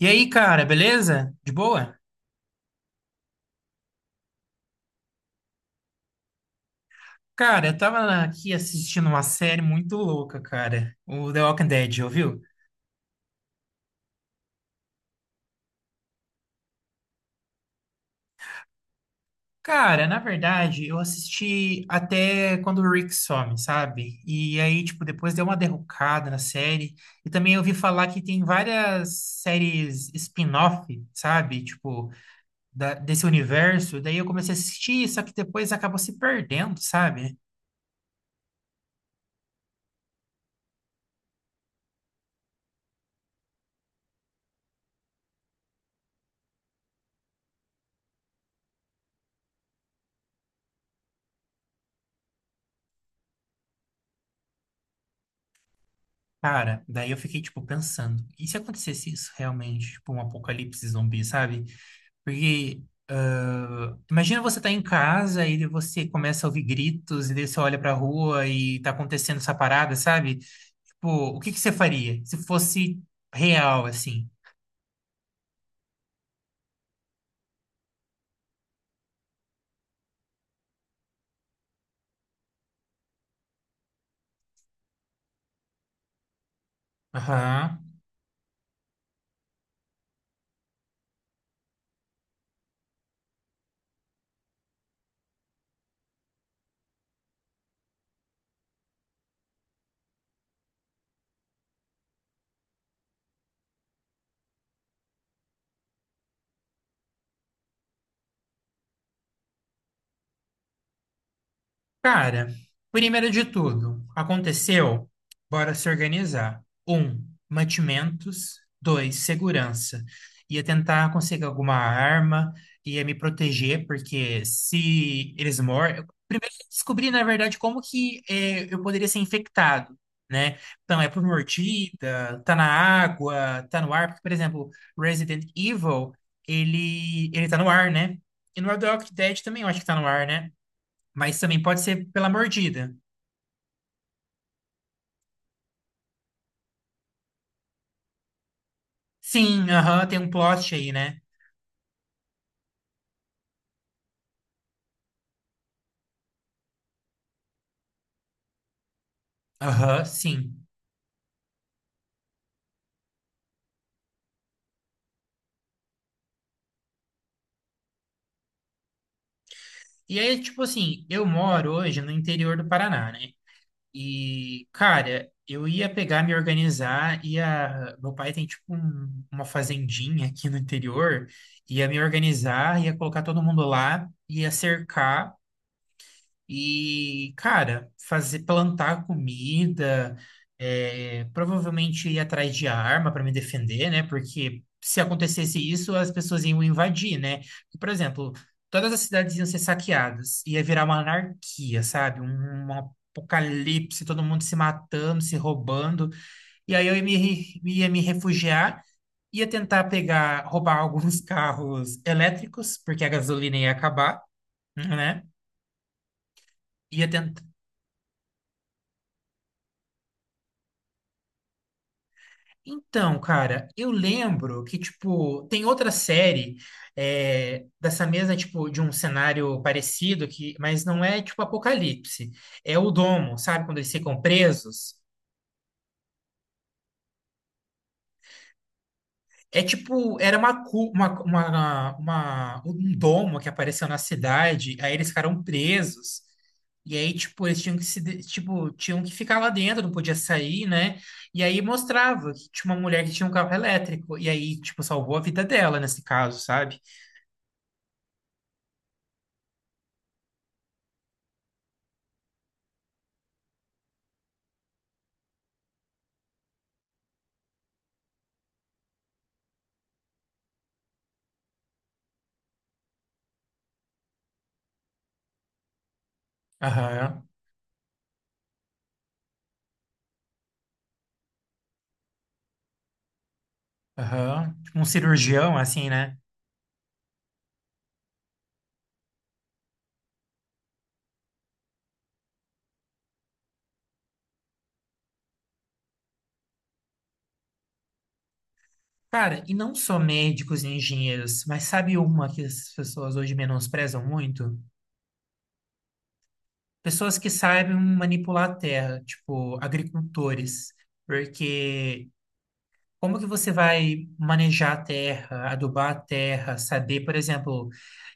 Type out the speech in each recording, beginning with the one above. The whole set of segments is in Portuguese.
E aí, cara, beleza? De boa? Cara, eu tava aqui assistindo uma série muito louca, cara. O The Walking Dead, ouviu? Cara, na verdade, eu assisti até quando o Rick some, sabe? E aí, tipo, depois deu uma derrocada na série. E também eu ouvi falar que tem várias séries spin-off, sabe? Tipo, desse universo. Daí eu comecei a assistir, só que depois acabou se perdendo, sabe? Cara, daí eu fiquei, tipo, pensando, e se acontecesse isso realmente, tipo, um apocalipse zumbi, sabe? Porque, ah, imagina você tá em casa e você começa a ouvir gritos, e daí você olha pra rua e tá acontecendo essa parada, sabe? Tipo, o que que você faria se fosse real, assim? Aham. Cara, primeiro de tudo, aconteceu? Bora se organizar. Um, mantimentos. Dois, segurança. Ia tentar conseguir alguma arma, ia me proteger, porque se eles morrem. Primeiro, eu descobri, na verdade, como que eu poderia ser infectado, né? Então, é por mordida, tá na água, tá no ar. Porque, por exemplo, Resident Evil, ele tá no ar, né? E no Red Dead também eu acho que tá no ar, né? Mas também pode ser pela mordida. Sim, aham, tem um plot aí, né? Aham, sim. E aí, tipo assim, eu moro hoje no interior do Paraná, né? E, cara, eu ia pegar, me organizar, ia. Meu pai tem, tipo, uma fazendinha aqui no interior, ia me organizar, ia colocar todo mundo lá, ia cercar. E, cara, fazer plantar comida, é, provavelmente ir atrás de arma para me defender, né? Porque se acontecesse isso, as pessoas iam invadir, né? Por exemplo, todas as cidades iam ser saqueadas, ia virar uma anarquia, sabe? Um apocalipse, todo mundo se matando, se roubando. E aí eu ia me, re- ia me refugiar, ia tentar pegar, roubar alguns carros elétricos, porque a gasolina ia acabar, né? Ia Então, cara, eu lembro que, tipo, tem outra série é, dessa mesma, tipo, de um cenário parecido, que, mas não é, tipo, Apocalipse. É o Domo, sabe? Quando eles ficam presos. É tipo, era uma, cu- uma- um domo que apareceu na cidade, aí eles ficaram presos. E aí, tipo, eles tinham que se, de- tipo, tinham que ficar lá dentro, não podia sair, né? E aí mostrava que tinha uma mulher que tinha um carro elétrico. E aí, tipo, salvou a vida dela nesse caso, sabe? Aham, aham. Tipo, um cirurgião, assim, né? Cara, e não só médicos e engenheiros, mas sabe uma que as pessoas hoje menosprezam muito? Pessoas que sabem manipular a terra, tipo agricultores. Porque como que você vai manejar a terra, adubar a terra, saber, por exemplo,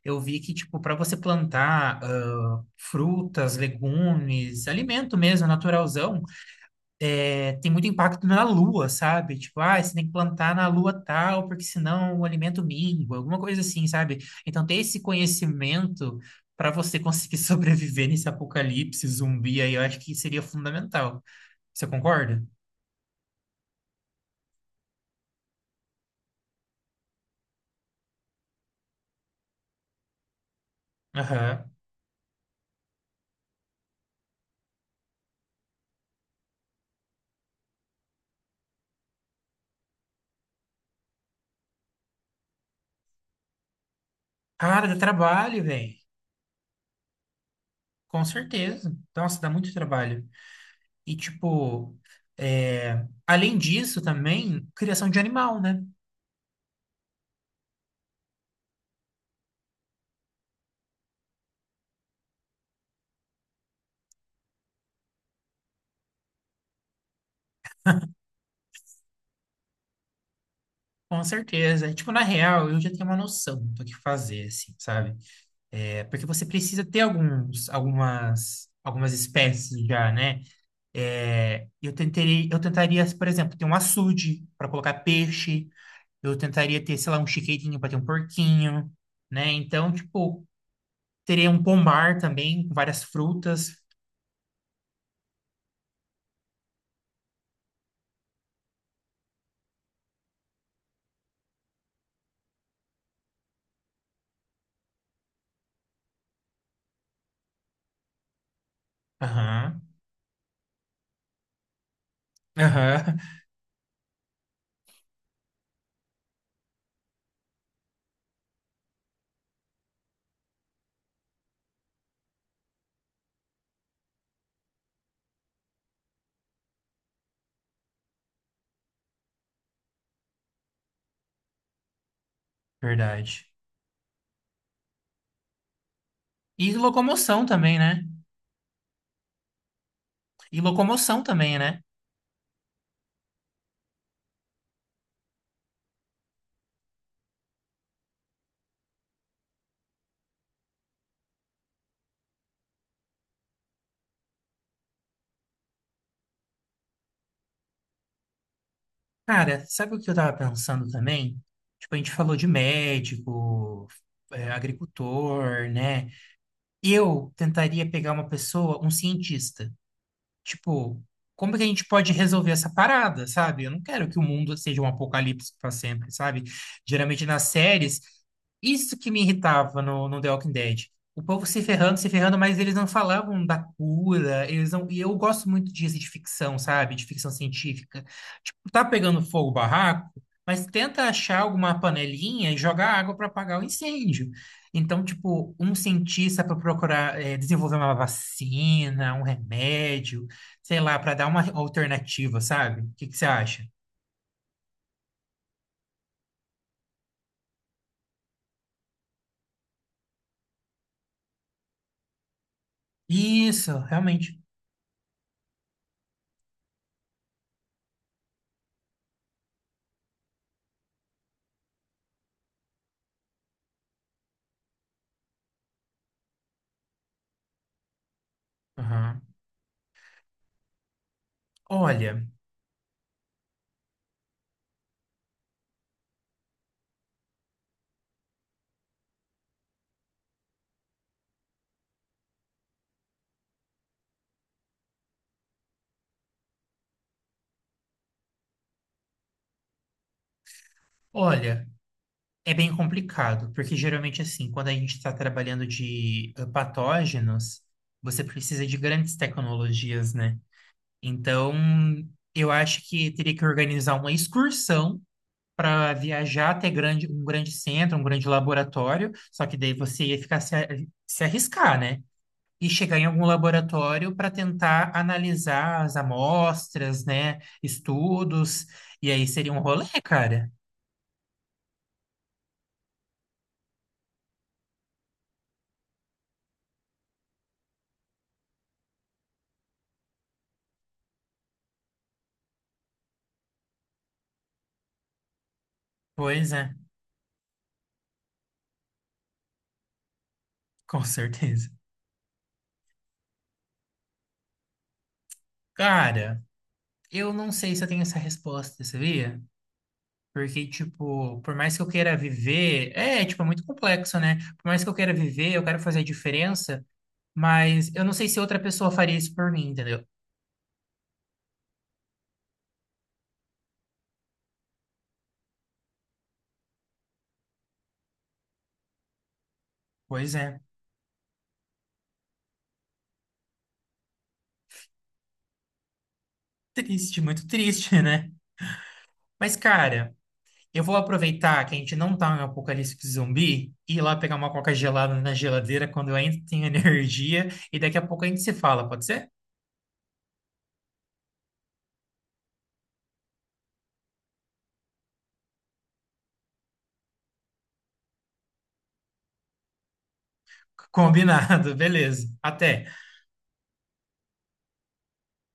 eu vi que, tipo, para você plantar ah, frutas, legumes, alimento mesmo, naturalzão, é, tem muito impacto na lua, sabe? Tipo, ah, você tem que plantar na lua tal, porque senão o alimento mingua, alguma coisa assim, sabe? Então, ter esse conhecimento para você conseguir sobreviver nesse apocalipse zumbi aí, eu acho que seria fundamental. Você concorda? Aham. Cara, dá trabalho, velho. Com certeza. Nossa, dá muito trabalho. E, tipo, é, além disso também, criação de animal, né? Com certeza. Tipo, na real, eu já tenho uma noção do que fazer, assim, sabe? É, porque você precisa ter algumas espécies já, né? É, eu tentaria, por exemplo, ter um açude para colocar peixe, eu tentaria ter, sei lá, um chiqueirinho para ter um porquinho, né? Então, tipo, teria um pomar também, com várias frutas. Aham, aham, verdade. E locomoção também, né? E locomoção também, né? Cara, sabe o que eu tava pensando também? Tipo, a gente falou de médico, é, agricultor, né? Eu tentaria pegar uma pessoa, um cientista. Tipo, como que a gente pode resolver essa parada, sabe? Eu não quero que o mundo seja um apocalipse para sempre, sabe? Geralmente nas séries, isso que me irritava no The Walking Dead. O povo se ferrando, se ferrando, mas eles não falavam da cura, eles não... E eu gosto muito disso de ficção, sabe? De ficção científica. Tipo, tá pegando fogo o barraco, mas tenta achar alguma panelinha e jogar água para apagar o incêndio. Então, tipo, um cientista para procurar desenvolver uma vacina, um remédio, sei lá, para dar uma alternativa, sabe? O que que você acha? Isso, realmente. Aham. Olha, olha, é bem complicado, porque geralmente assim, quando a gente está trabalhando de patógenos, você precisa de grandes tecnologias, né? Então, eu acho que teria que organizar uma excursão para viajar um grande centro, um grande laboratório, só que daí você ia ficar se arriscar, né? E chegar em algum laboratório para tentar analisar as amostras, né? Estudos. E aí seria um rolê, cara. Pois é, com certeza. Cara, eu não sei se eu tenho essa resposta, sabia? Porque, tipo, por mais que eu queira viver, é, tipo, é muito complexo, né? Por mais que eu queira viver, eu quero fazer a diferença, mas eu não sei se outra pessoa faria isso por mim, entendeu? Pois é. Triste, muito triste, né? Mas, cara. Eu vou aproveitar que a gente não tá em um apocalipse zumbi e ir lá pegar uma coca gelada na geladeira quando eu ainda tenho energia e daqui a pouco a gente se fala, pode ser? Combinado, beleza. Até.